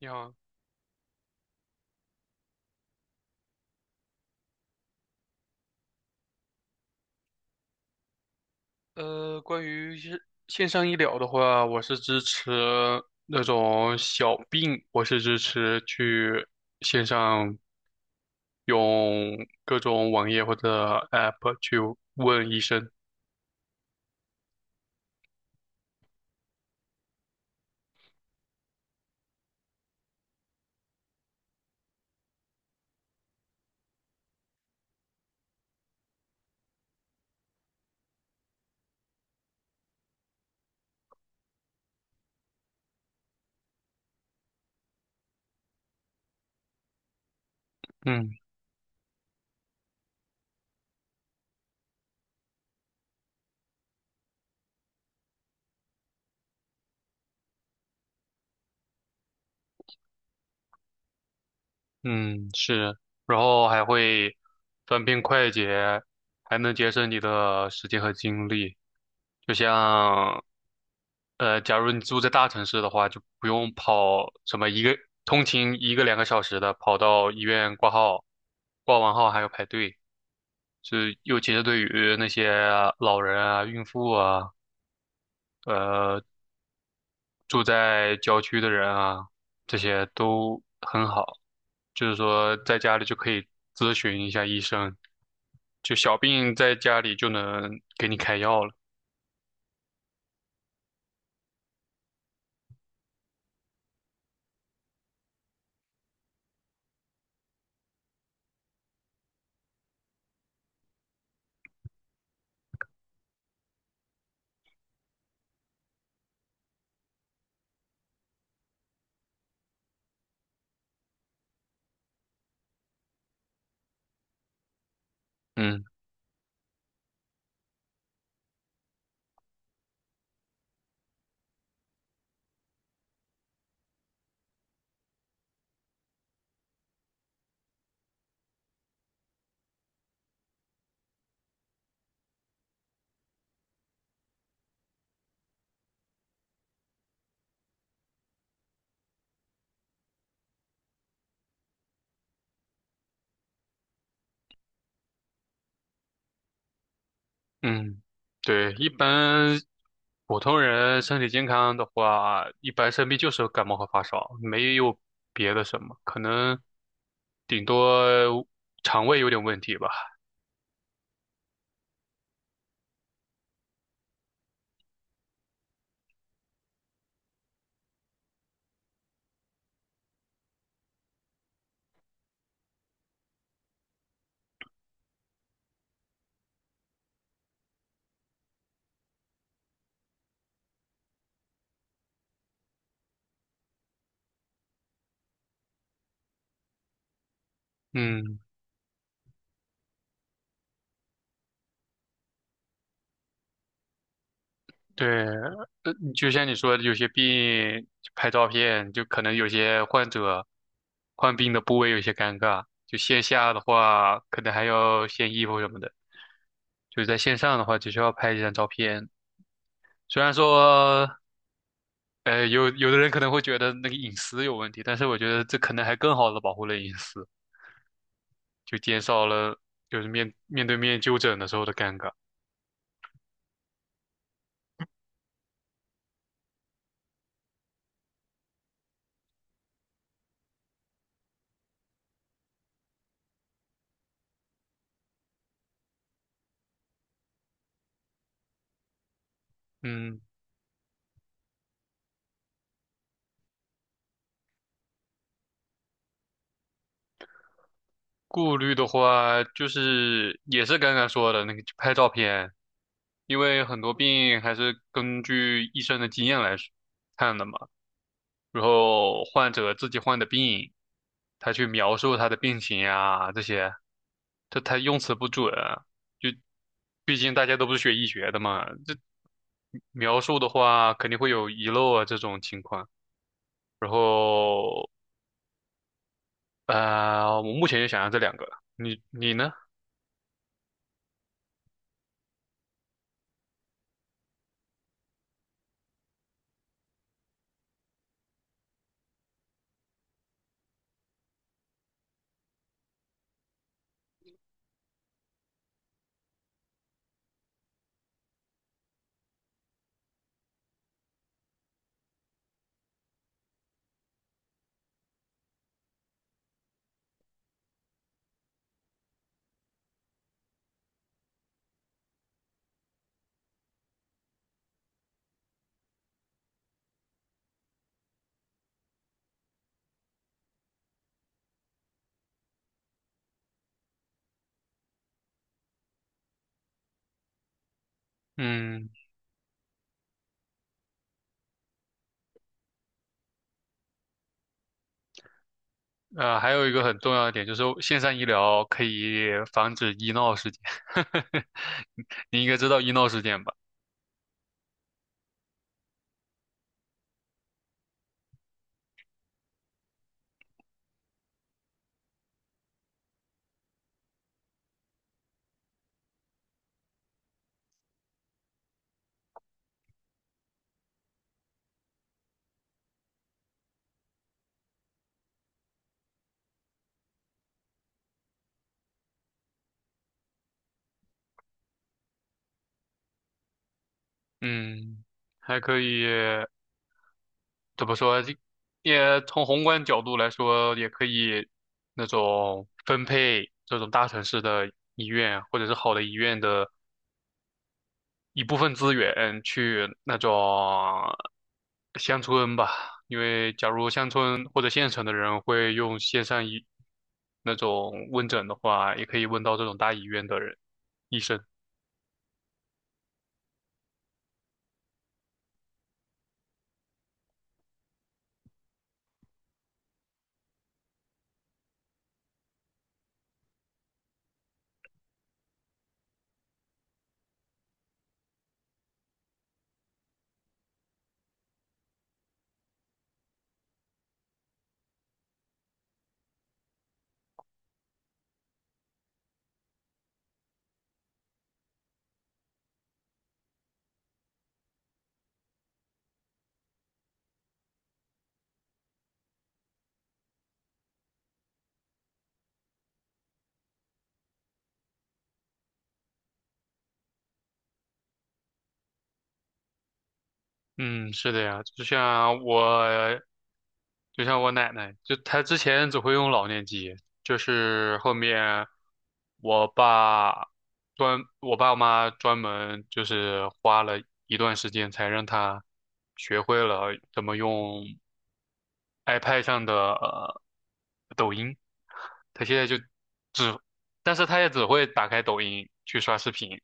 你好。关于线上医疗的话，我是支持那种小病，我是支持去线上用各种网页或者 App 去问医生。嗯嗯，是，然后还会方便快捷，还能节省你的时间和精力。就像假如你住在大城市的话，就不用跑什么一个通勤一个两个小时的，跑到医院挂号，挂完号还要排队。是，尤其是对于那些老人啊、孕妇啊、呃住在郊区的人啊，这些都很好。就是说，在家里就可以咨询一下医生，就小病在家里就能给你开药了。嗯。嗯，对，一般普通人身体健康的话，一般生病就是感冒和发烧，没有别的什么，可能顶多肠胃有点问题吧。嗯，对，就像你说的，有些病拍照片，就可能有些患者患病的部位有些尴尬，就线下的话，可能还要献衣服什么的，就是在线上的话，只需要拍一张照片。虽然说有的人可能会觉得那个隐私有问题，但是我觉得这可能还更好的保护了隐私，就减少了就是面对面就诊的时候的尴尬。嗯，顾虑的话就是也是刚刚说的那个拍照片，因为很多病还是根据医生的经验来看的嘛。然后患者自己患的病，他去描述他的病情啊，这些，这他用词不准，就毕竟大家都不是学医学的嘛，这描述的话肯定会有遗漏啊这种情况。然后，我目前就想要这两个，你呢？嗯，还有一个很重要的点就是线上医疗可以防止医闹事件，你应该知道医闹事件吧？嗯，还可以。怎么说，这也从宏观角度来说，也可以那种分配这种大城市的医院或者是好的医院的一部分资源去那种乡村吧，因为假如乡村或者县城的人会用线上医那种问诊的话，也可以问到这种大医院的人。医生。嗯，是的呀，就像我，就像我奶奶，就她之前只会用老年机，就是后面我爸专，我爸妈专门就是花了一段时间才让她学会了怎么用 iPad 上的抖音，她现在就只，但是她也只会打开抖音去刷视频。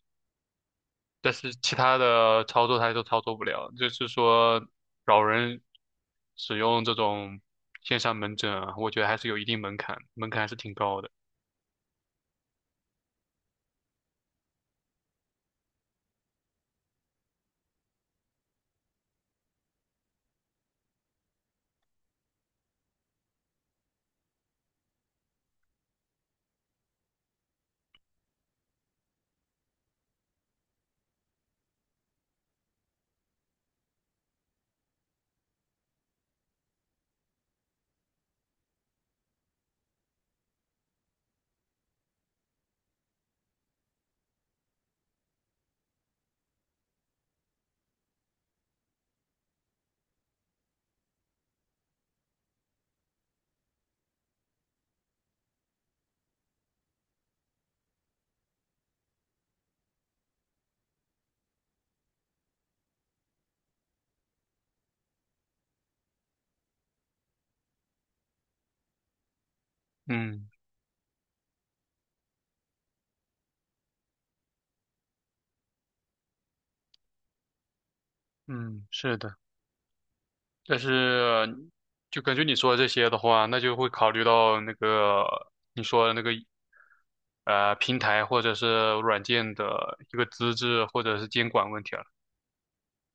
但是其他的操作它都操作不了，就是说老人使用这种线上门诊啊，我觉得还是有一定门槛，门槛还是挺高的。嗯嗯，是的，但是就根据你说的这些的话，那就会考虑到那个你说的那个平台或者是软件的一个资质或者是监管问题了。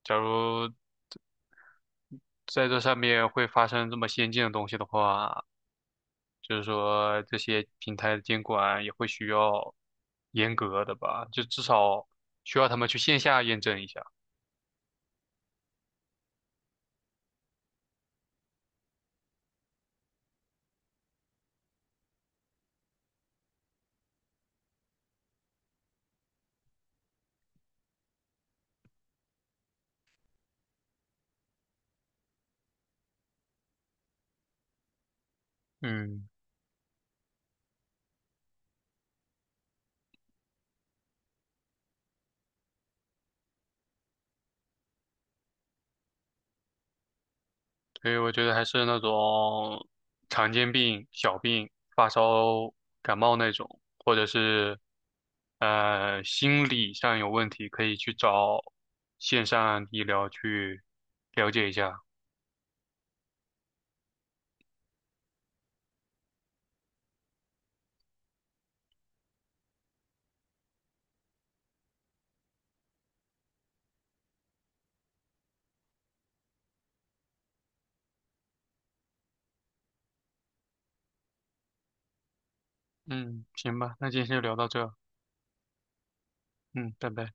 假如在这上面会发生这么先进的东西的话，就是说这些平台的监管也会需要严格的吧，就至少需要他们去线下验证一下。嗯，所以我觉得还是那种常见病、小病、发烧、感冒那种，或者是心理上有问题，可以去找线上医疗去了解一下。嗯，行吧，那今天就聊到这儿。嗯，拜拜。